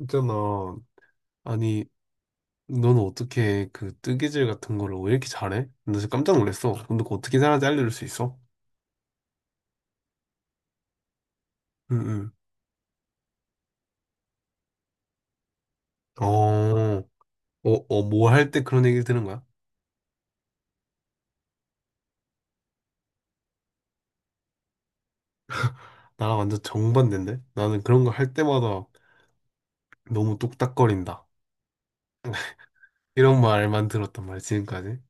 있잖아. 아니, 너는 어떻게 그 뜨개질 같은 거를 왜 이렇게 잘해? 나 진짜 깜짝 놀랐어. 근데 그거 어떻게 잘하는지 알려줄 수 있어? 응, 응. 어, 어, 어, 뭐 할 때 그런 얘기를 들은 거야? 나랑 완전 정반대인데? 나는 그런 거 할 때마다 너무 뚝딱거린다. 이런 말만 들었단 말이야, 지금까지.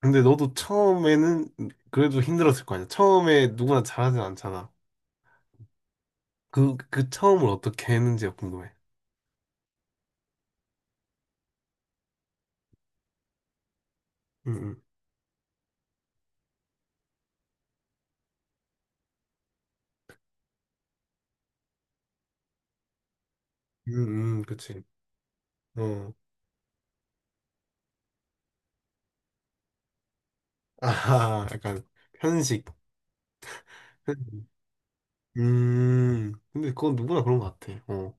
근데 너도 처음에는 그래도 힘들었을 거 아니야? 처음에 누구나 잘하진 않잖아. 그 처음을 어떻게 했는지가 궁금해. 응, 응. 응, 응, 그치. 어. 아하, 약간. 편식. 근데 그건 누구나 그런 것 같아. 어.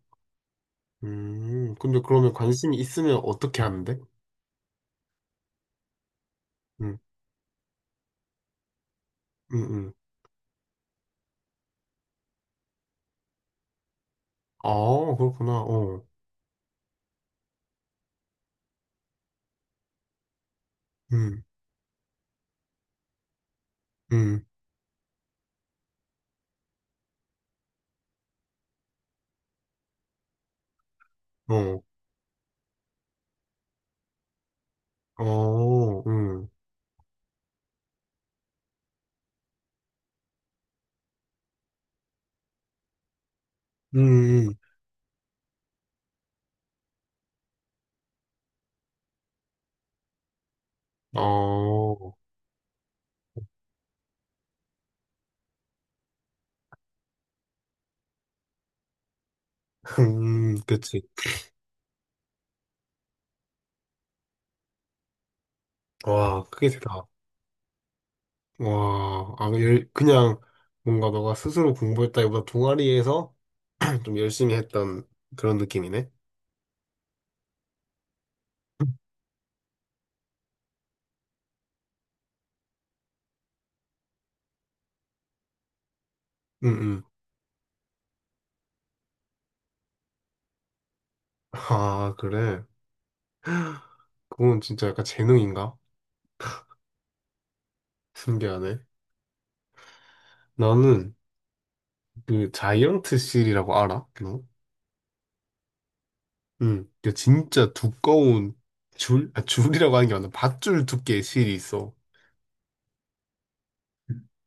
근데 그러면 관심이 있으면 어떻게 하는데? 음, 음, 음. 아, 그렇구나. 어, 음, 음, 어, 어, 음, 음. 어, 그치. 와, 그게 대다. 와, 아, 그냥 뭔가 너가 스스로 공부했다기보다 동아리에서 좀 열심히 했던 그런 느낌이네. 응 응. 아, 그래. 그건 진짜 약간 재능인가? 신기하네. 나는 그 자이언트 실이라고 알아? 너? 응. 그 진짜 두꺼운 줄, 아, 줄이라고 하는 게 맞나? 밧줄 두께의 실이 있어.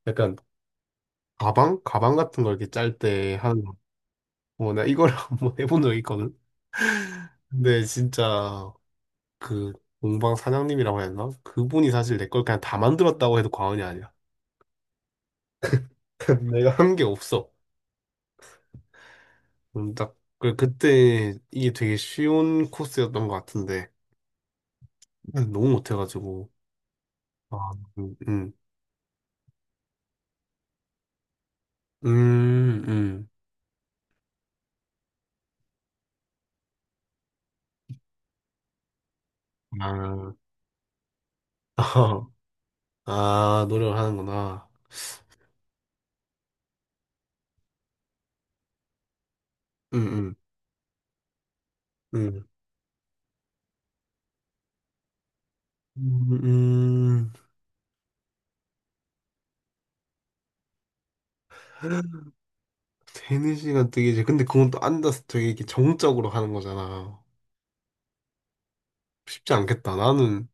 약간 가방? 가방 같은 걸 이렇게 짤 때 하는 거. 어, 나 이걸 한번 해본 적이 있거든? 근데 진짜 그 공방 사장님이라고 해야 되나? 그분이 사실 내 걸 그냥 다 만들었다고 해도 과언이 아니야. 내가 한 게 없어. 딱. 그때 이게 되게 쉬운 코스였던 것 같은데 너무 못해가지고. 아, 음, 음. 음, 음. 아, 아, 노력을 하는구나. 음, 음, 음. 음, 음. 되는 시간 되게, 근데 그건 또 앉아서 되게 이렇게 정적으로 하는 거잖아. 쉽지 않겠다. 나는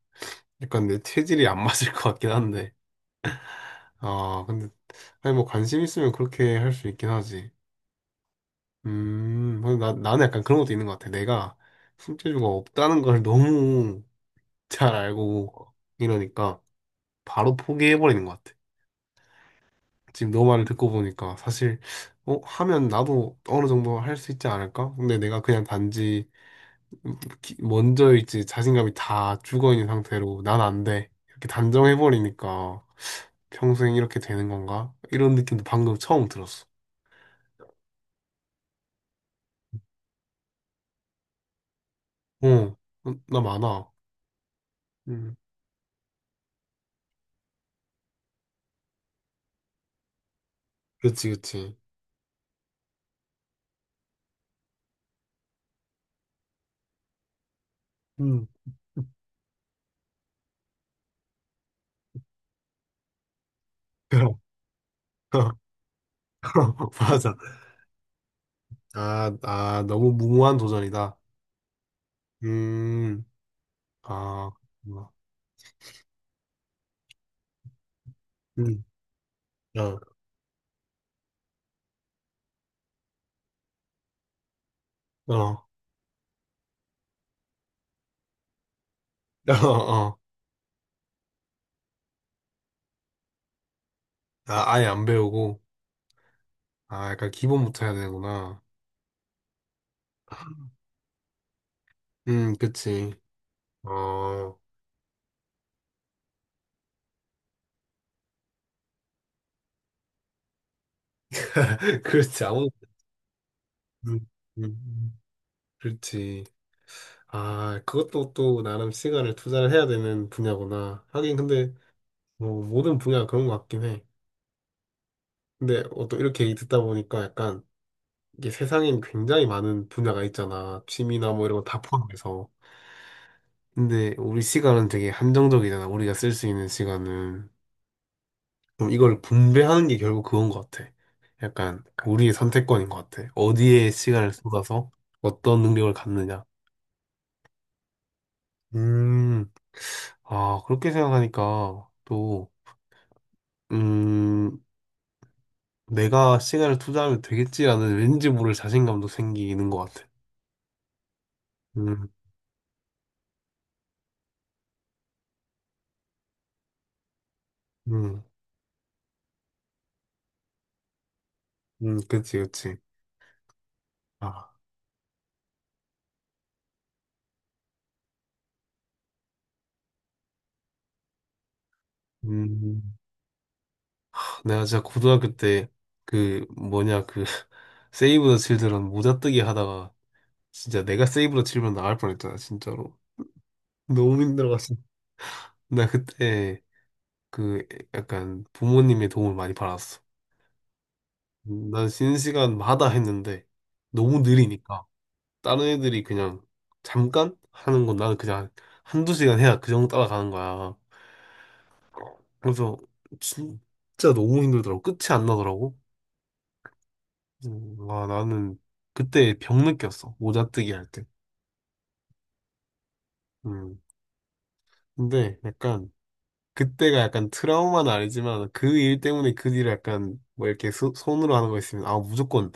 약간 내 체질이 안 맞을 것 같긴 한데. 아, 근데, 아니, 뭐 관심 있으면 그렇게 할 수 있긴 하지. 근데 나는 약간 그런 것도 있는 것 같아. 내가 손재주가 없다는 걸 너무 잘 알고 이러니까 바로 포기해버리는 것 같아. 지금 너 말을 듣고 보니까 사실 하면 나도 어느 정도 할 수 있지 않을까? 근데 내가 그냥 단지 먼저일지 자신감이 다 죽어 있는 상태로 난 안 돼. 이렇게 단정해 버리니까 평생 이렇게 되는 건가? 이런 느낌도 방금 처음 들었어. 어, 어, 나 많아. 음, 그렇지, 그렇지. 음, 그럼. 맞아. 아, 아, 너무 무모한 도전이다. 음, 아, 음, 어, 어, 어, 어. 아, 아예 안 배우고, 아, 약간 기본부터 해야 되는구나. 그치. 어, 그렇지. 음, 음, 그렇지. 아, 그것도 또 나름 시간을 투자를 해야 되는 분야구나. 하긴 근데, 뭐, 모든 분야가 그런 것 같긴 해. 근데, 또 이렇게 얘기 듣다 보니까 약간, 이게 세상엔 굉장히 많은 분야가 있잖아. 취미나 뭐 이런 거 다 포함해서. 근데, 우리 시간은 되게 한정적이잖아. 우리가 쓸 수 있는 시간은. 그럼 이걸 분배하는 게 결국 그건 것 같아. 약간 우리의 선택권인 것 같아. 어디에 시간을 쏟아서 어떤 능력을 갖느냐. 음, 아, 그렇게 생각하니까 또, 음, 내가 시간을 투자하면 되겠지라는 왠지 모를 자신감도 생기는 것 같아. 음, 음, 그치, 그치. 아, 음, 내가 진짜 고등학교 때 그 뭐냐 그 세이브 더 칠드런 모자 뜨기 하다가 진짜 내가 세이브 더 칠드런 나갈 뻔했잖아, 진짜로. 너무 힘들어갔어. 나 그때 그 약간 부모님의 도움을 많이 받았어. 난 쉬는 시간마다 했는데 너무 느리니까 다른 애들이 그냥 잠깐 하는 건 나는 그냥 한두 시간 해야 그 정도 따라가는 거야. 그래서 진짜 너무 힘들더라고. 끝이 안 나더라고. 와 나는 그때 병 느꼈어. 모자 뜨기 할 때. 음. 근데 약간 그때가 약간 트라우마는 아니지만 그 일 때문에 그 일을 약간 뭐 이렇게 손으로 하는 거 있으면 아 무조건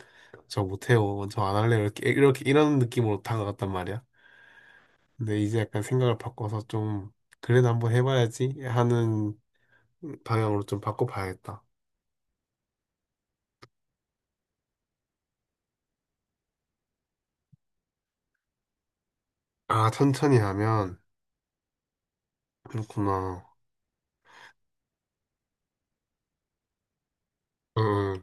저 못해요 저 안 할래요 이렇게 이렇게 이런 느낌으로 다가갔단 말이야. 근데 이제 약간 생각을 바꿔서 좀 그래도 한번 해봐야지 하는 방향으로 좀 바꿔봐야겠다. 아 천천히 하면 그렇구나. 응응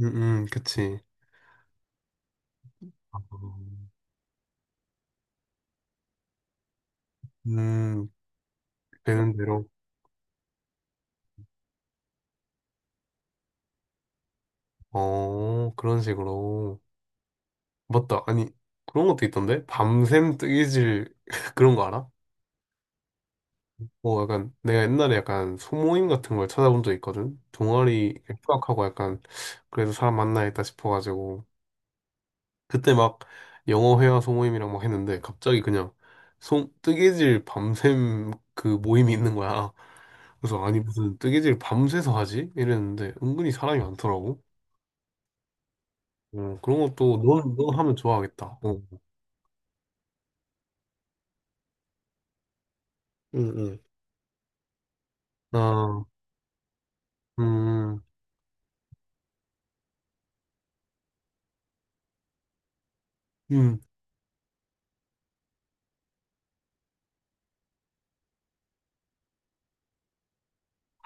응응 그치. 음. 되는 대로. 어, 그런 식으로. 맞다. 아니, 그런 것도 있던데? 밤샘 뜨개질 그런 거 알아? 뭐 약간 내가 옛날에 약간 소모임 같은 걸 찾아본 적 있거든? 동아리 휴학하고 약간 그래서 사람 만나야겠다 싶어가지고 그때 막 영어 회화 소모임이랑 막 했는데 갑자기 그냥 뜨개질 밤샘 그 모임이 있는 거야. 그래서 아니 무슨 뜨개질 밤새서 하지? 이랬는데 은근히 사람이 많더라고. 어, 그런 것도 넌 하면 좋아하겠다. 어. 응, 응. 아, 음, 음,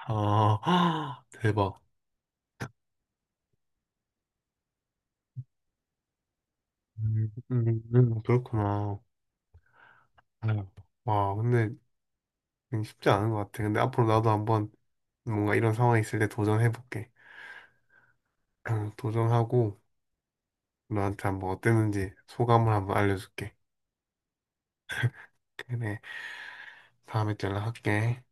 아, 대박. 그렇구나. 아유, 와, 근데 쉽지 않은 것 같아. 근데 앞으로 나도 한번 뭔가 이런 상황이 있을 때 도전해볼게. 도전하고 너한테 한번 어땠는지 소감을 한번 알려줄게. 그래, 다음에 또 연락할게.